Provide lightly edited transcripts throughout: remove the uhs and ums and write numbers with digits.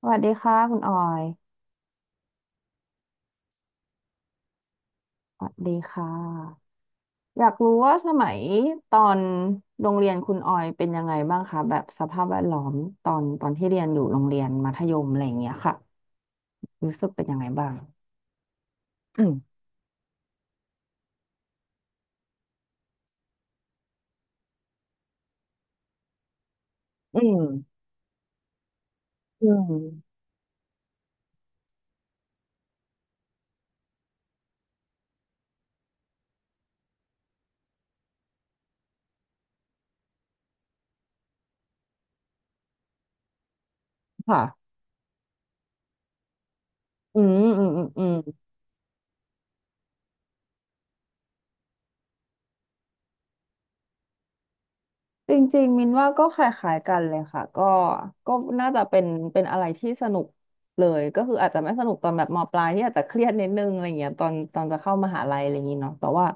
สวัสดีค่ะคุณออยสวัสดีค่ะอยากรู้ว่าสมัยตอนโรงเรียนคุณออยเป็นยังไงบ้างคะแบบสภาพแวดล้อมตอนที่เรียนอยู่โรงเรียนมัธยมอะไรอย่างเงี้ยค่ะรู้สึกเป็นยังไงบ้าง อืมอืมอืมค่ะอืมอืมอืมอืม จริงๆมินว่าก็คล้ายๆกันเลยค่ะก็น่าจะเป็นอะไรที่สนุกเลยก็คืออาจจะไม่สนุกตอนแบบมปลายที่อาจจะเครียดนิดนึงอะไรเงี้ยตอนจะเข้ามหาลัยอะไรอย่างงี้เนาะแต่ว่า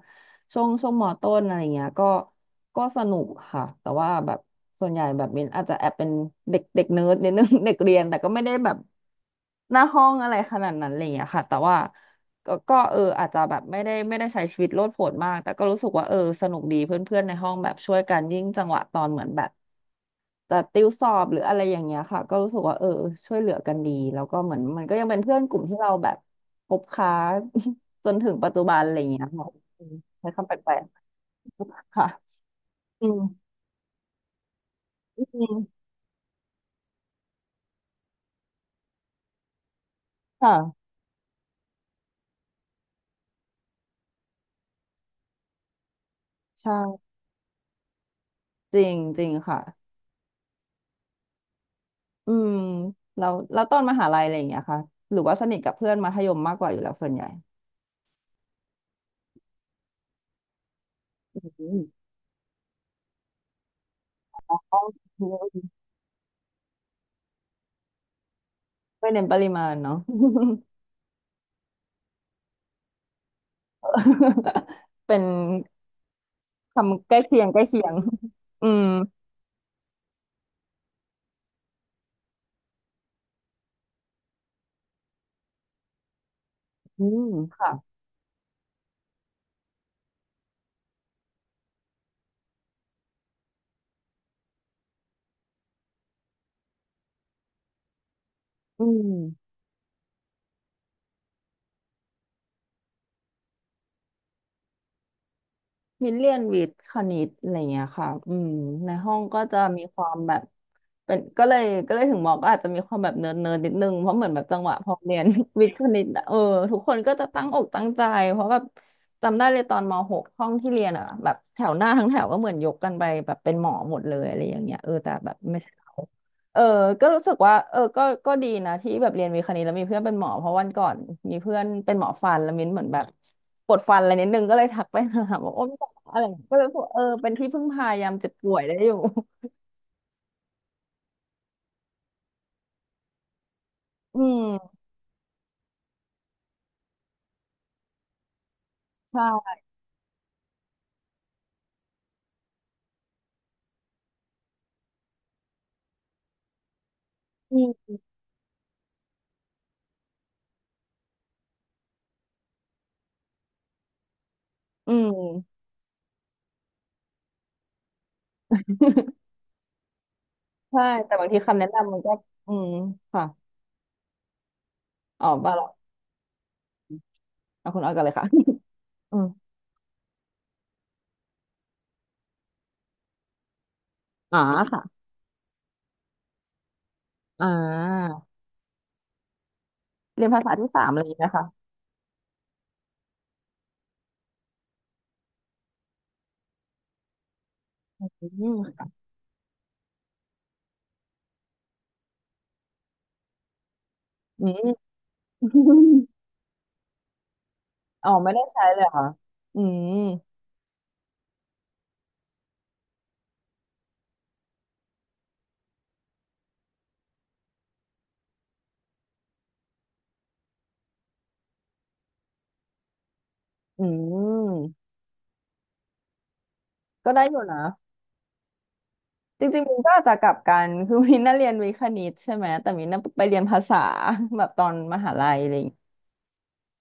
ช่วงมต้นอะไรเงี้ยก็สนุกค่ะแต่ว่าแบบส่วนใหญ่แบบมินอาจจะแอบเป็นเด็กเด็กเนิร์ดนิดนึง เด็กเรียนแต่ก็ไม่ได้แบบหน้าห้องอะไรขนาดนั้นอะไรเงี้ยค่ะแต่ว่า ก็เอออาจจะแบบไม่ได้ใช้ชีวิตโลดโผนมากแต่ก็รู้สึกว่าเออสนุกดีเพื่อนๆในห้องแบบช่วยกันยิ่งจังหวะตอนเหมือนแบบจะติวสอบหรืออะไรอย่างเงี้ยค่ะก็รู้สึกว่าเออช่วยเหลือกันดีแล้วก็เหมือนมันก็ยังเป็นเพื่อนกลุ่มที่เราแบบคบค้า จนถึงปัจจุบันอะไรอย่างเงี้ยค่ะอืมใช้คำแปลกๆค่ะอืมอืมค่ะใช่จริงจริงค่ะอืมแล้วแล้วตอนมหาลัยอะไรอย่างเงี้ยค่ะหรือว่าสนิทกับเพื่อนมัธยมมากกว่าอยู่แล้วส่วนใหญ่อืม ไม่เน้นปริมาณเนาะ เป็นคำใกล้เคียงใกล้เคียงอืมอืมค่ะอืม มินเรียนวิทย์คณิตอะไรเงี้ยค่ะอืมในห้องก็จะมีความแบบเป็นก็เลยถึงมองก็อาจจะมีความแบบเนิร์ดนิดนึงเพราะเหมือนแบบจังหวะพอเรียน วิทย์คณิตอะเออทุกคนก็จะตั้งอกตั้งใจเพราะแบบจำได้เลยตอนม .6 ห้องที่เรียนอ่ะแบบแถวหน้าทั้งแถวก็เหมือนยกกันไปแบบเป็นหมอหมดเลยอะไรอย่างเงี้ยเออแต่แบบไม่ใช่เราเออก็รู้สึกว่าเออก็ดีนะที่แบบเรียนวิทย์คณิตแล้วมีเพื่อนเป็นหมอเพราะวันก่อนมีเพื่อนเป็นหมอฟันแล้วมิ้นเหมือนแบบปวดฟันอะไรนิดนึงก็เลยทักไปหาบอกโอ้ อะไรอย่างเงี้ยก็เลยรู้สึกว่าเออเป็นที่พึ่งพายามเจ็บป่วยได้อยู่ อืมใช่อืมอืมใช่แต่บางทีคำแนะนำมันก็อืมค่ะอ๋อบ้าหรอกเอาคุณออยกันเลยค่ะ อืมอ๋อค่ะอ่าเรียนภาษาที่สามเลยนะคะอืมอืม อ๋อไม่ได้ใช้เลยเหรอค่ะอืมอืมก็ได้อยู่นะจริงๆมินก็อาจจะกลับกันคือมินน่ะเรียนวิทย์คณิตใช่ไหมแต่มินน่ะไปเรียนภาษาแบบตอนมหาลัยอะไรอย่างเงี้ย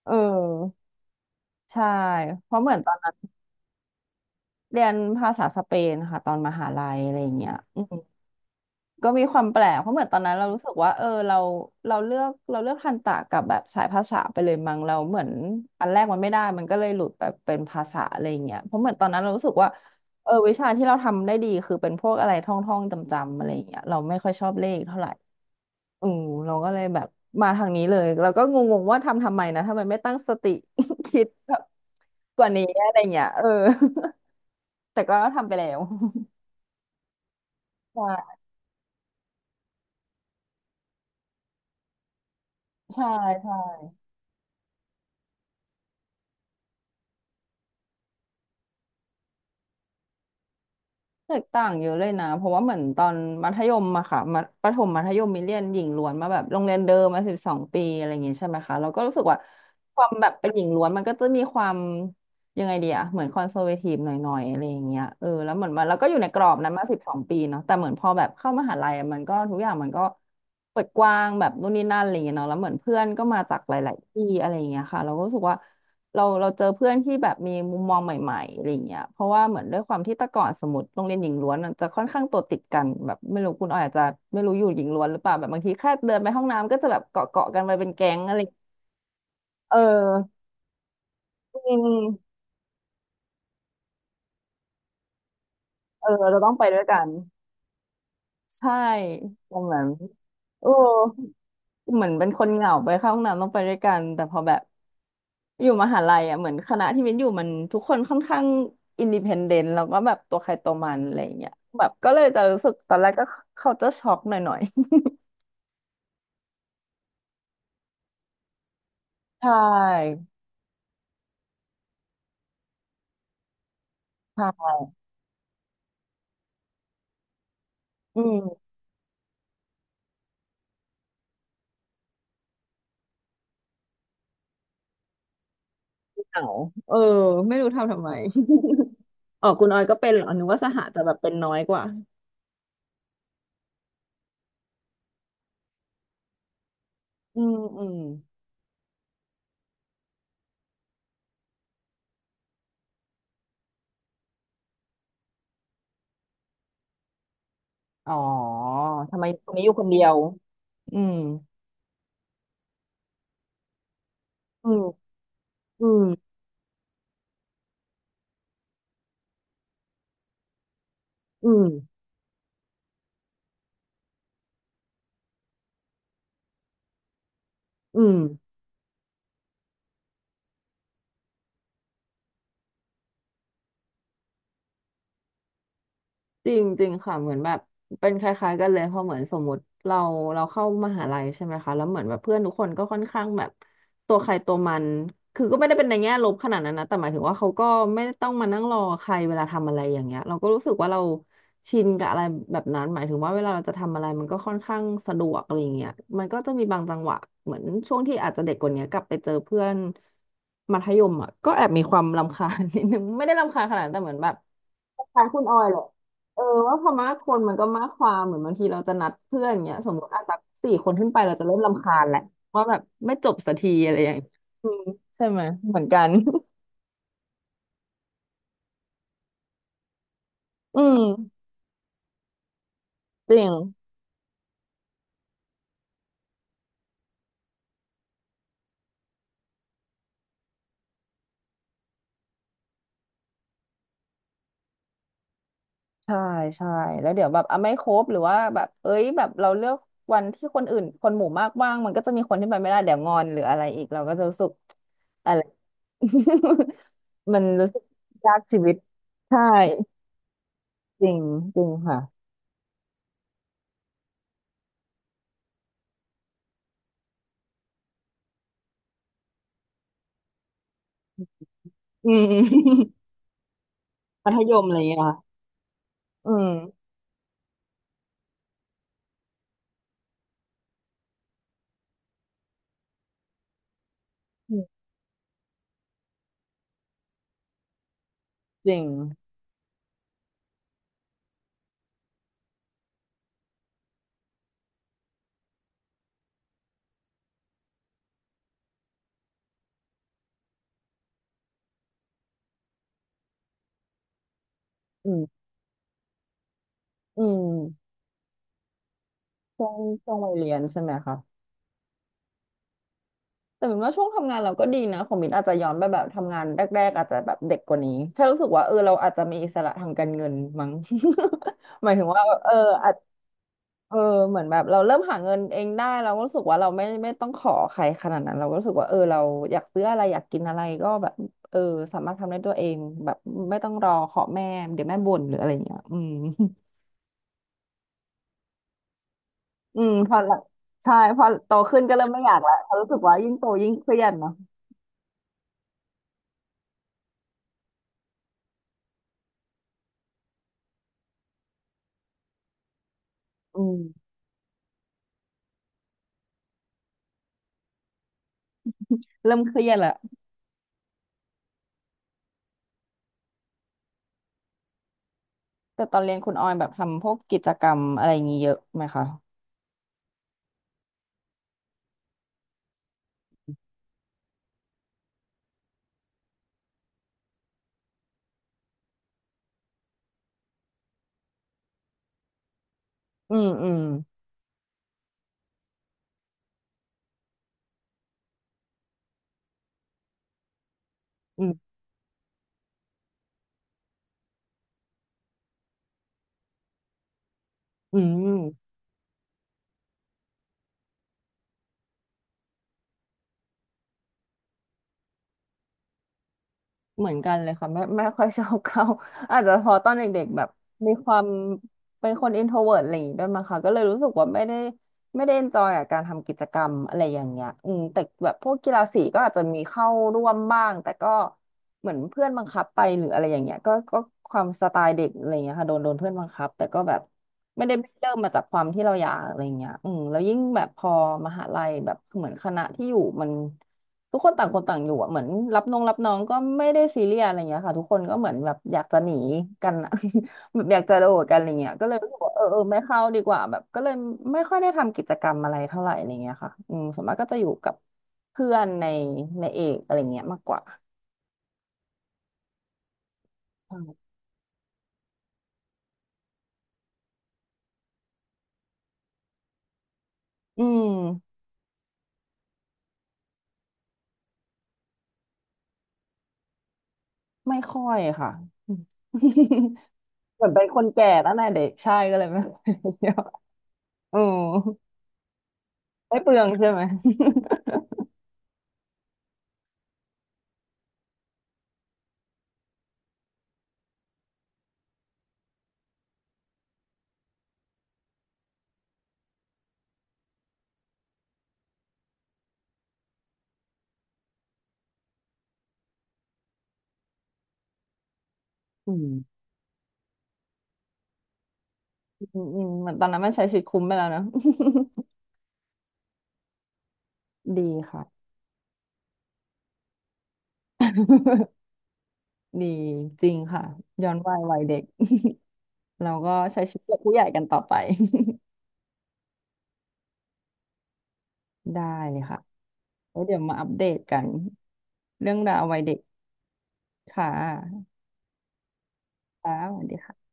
เออ ใช่เพราะเหมือนตอนนั้นเรียนภาษาสเปนค่ะตอนมหาลัยอะไรอย่างเงี้ยอืมก็มีความแปลกเพราะเหมือนตอนนั้นเรารู้สึกว่าเออเราเราเลือกเราเลือกทันตะกับแบบสายภาษาไปเลยมั้งเราเหมือนอันแรกมันไม่ได้มันก็เลยหลุดไปเป็นภาษาอะไรอย่างเงี้ยเพราะเหมือนตอนนั้นเรารู้สึกว่าเออวิชาที่เราทำได้ดีคือเป็นพวกอะไรท่องท่องจำจำๆอะไรอย่างเงี้ยเราไม่ค่อยชอบเลขเท่าไหร่อืมเราก็เลยแบบมาทางนี้เลยเราก็งงๆว่าทำไมนะทำไมไม่ตั้งสติ คิดแบบกว่านี้อะไรเงี้ยเออ แต่ก็ทำไปแล้ว ใช่ใช่ใช่แตกต่างเยอะเลยนะเพราะว่าเหมือนตอนมัธยมอะค่ะมัธประถมมัธยมมีเรียนหญิงล้วนมาแบบโรงเรียนเดิมมาสิบสองปีอะไรอย่างงี้ใช่ไหมคะเราก็รู้สึกว่าความแบบเป็นหญิงล้วนมันก็จะมีความยังไงดีอะเหมือนคอนเซอร์เวทีฟหน่อยๆอะไรอย่างเงี้ยเออแล้วเหมือนมันแล้วก็อยู่ในกรอบนั้นมาสิบสองปีเนาะแต่เหมือนพอแบบเข้ามหาลัยอะมันก็ทุกอย่างมันก็เปิดกว้างแบบนู่นนี่นั่นอะไรอย่างเงี้ยเนาะแล้วเหมือนเพื่อนก็มาจากหลายๆที่อะไรอย่างเงี้ยค่ะเราก็รู้สึกว่า เราเจอเพื่อนที่แบบมีมุมมองใหม่ๆ อะไรเงี้ยเพราะว่าเหมือนด้วยความที่แต่ก่อนสมมติโรงเรียนหญิงล้วนมันจะค่อนข้างตัวติดกันแบบไม่รู้คุณออยอาจจะไม่รู้อยู่หญิงล้วนหรือเปล่าแบบบางทีแค่เดินไปห้องน้ำก็จะแบบเกาะกันไปเป็นแก๊งอะไรเออจริงเออเราต้องไปด้วยกันใช่ตรงนั้นโอ้ เหมือนเป็นคนเหงาไปเข้าห้องน้ำต้องไปด้วยกันแต่พอแบบอยู่มหาลัยอ่ะเหมือนคณะที่มิ้นอยู่มันทุกคนค่อนข้างอินดิเพนเดนต์แล้วก็แบบตัวใครตัวมันอะไรอย่างเงี้ยแบบก็เลยจะรู้สึกตอนแรกก็เขาจะช็อกหน่อยๆ ใช่ค่อืมเหงาเออไม่รู้ทำไม อ๋อคุณออยก็เป็นเหรอนึกว่าสหะจะแบบเป็นน้อยกว่าอืมอืมอ๋อทำไมคนนี้อยู่คนเดียวอืมอืมอืมอืมอืม จริงจริงค่ะเหมือนแบบเป็นคล้ายๆกันเลยเพราะเหมือนสมมติเราเข้ามหาลัยใช่ไหมคะแล้วเหมือนแบบเพื่อนทุกคนก็ค่อนข้างแบบตัวใครตัวมันคือก็ไม่ได้เป็นในแง่ลบขนาดนั้นนะแต่หมายถึงว่าเขาก็ไม่ได้ต้องมานั่งรอใครเวลาทำอะไรอย่างเงี้ยเราก็รู้สึกว่าเราชินกับอะไรแบบนั้นหมายถึงว่าเวลาเราจะทำอะไรมันก็ค่อนข้างสะดวกอะไรอย่างเงี้ยมันก็จะมีบางจังหวะเหมือนช่วงที่อาจจะเด็กกว่านี้กลับไปเจอเพื่อนมัธยมอ่ะก็แอบมีความรำคาญ นิดนึงไม่ได้รำคาญขนาดนั้นแต่เหมือนแบบคล้ายๆคุณออยเหละ เออว่าพอมากคนมันก็มากความเหมือนบางทีเราจะนัดเพื่อนอย่างเงี้ยสมมติอ่ะสักสี่คนขึ้นไปเราจะเริ่มรำคาญแหละว่าแบบไม่จบสักทีอะไรอย่างเงี้ยอืมใช่ไหมเหมือนกันอืมจริงใช่ใช่แล้วเดี๋ยวแบบอ่ะไม่ครบหรือว่าแบบเอ้ยแบบเราเลือกวันที่คนอื่นคนหมู่มากว่างมันก็จะมีคนที่ไปไม่ได้เดี๋ยวงอนหรืออะไรอีกเราก็จะรู้สึกอะไร มันรู้สึกยากชีวิตใช่จริงจริงค่ะอืม อืม มัธยมอะไรอย่างเงี้ย อืมอืมจริงอืมอืมช่วงช่วงวัยเรียนใช่ไหมคะแต่เหมือนว่าช่วงทำงานเราก็ดีนะของมินอาจจะย้อนไปแบบทำงานแรกๆอาจจะแบบเด็กกว่านี้แค่รู้สึกว่าเออเราอาจจะมีอิสระทางการเงินมั้ง หมายถึงว่าเอออาจเออเหมือนแบบเราเริ่มหาเงินเองได้เราก็รู้สึกว่าเราไม่ต้องขอใครขนาดนั้นเราก็รู้สึกว่าเออเราอยากซื้ออะไรอยากกินอะไรก็แบบเออสามารถทำได้ตัวเองแบบไม่ต้องรอขอแม่เดี๋ยวแม่บ่นหรืออะไรอย่างเงี้ยอืม อืมพอละใช่พอโตขึ้นก็เริ่มไม่อยากละเพราะรู้สึกว่ายิ่งโตยิ่งเครียดเนาะอืมเริ่มเครียดละแต่ตอนเรียนคุณออยแบบทำพวกกิจกรรมอะไรอย่างงี้เยอะไหมคะอืมอืมอืมอืม เหมือนกันเลยค่ะไม่ค่อยชอบเข้า อาจจะเพอตอนเด็กๆแบบมีความเป็นคนอินโทรเวิร์ตอะไรอย่างงี้ด้วยมั้งคะก็เลยรู้สึกว่าไม่ได้เอนจอยกับการทำกิจกรรมอะไรอย่างเงี้ยอืมแต่แบบพวกกีฬาสีก็อาจจะมีเข้าร่วมบ้างแต่ก็เหมือนเพื่อนบังคับไปหรืออะไรอย่างเงี้ยก็ความสไตล์เด็กอะไรอย่างเงี้ยค่ะโดนเพื่อนบังคับแต่ก็แบบไม่ได้เริ่มมาจากความที่เราอยากอะไรอย่างเงี้ยอืมแล้วยิ่งแบบพอมหาลัยแบบเหมือนคณะที่อยู่มัน ทุกคนต่างคนต่างอยู่อะเหมือนรับน้องก็ไม่ได้ซีเรียสอะไรเงี้ยค่ะทุกคนก็เหมือนแบบอยากจะหนีกันอะ แบบอยากจะโดดกันอะไรเงี้ยก็เลยรู้สึกว่าเออไม่เข้าดีกว่าแบบก็เลยไม่ค่อยได้ทำกิจกรรมอะไรเท่าไหร่อะไรเงี้ยค่ะอืมส่วนมากก็จะอยู่กับเพื่อนในในเอกอะไรเงี้ยมากกว่าใช่อืมไม่ค่อยค่ะ อืม เหมือนเป็นคนแก่แล้วนะเด็กใช่ก็เลยไม่ค่อยได้เที่ยวอืมไม่เปลืองใช่ไหม อืมอืมอืมเหมือนตอนนั้นมันใช้ชีวิตคุ้มไปแล้วเนอะ ดีค่ะ ดีจริงค่ะย้อนวัยวัยเด็ก เราก็ใช้ชีวิตแบบผู้ใหญ่กันต่อไป ได้เลยค่ะแล้วเดี๋ยวมาอัปเดตกันเรื่องราววัยเด็กค่ะค่ะสวัสดีค่ะ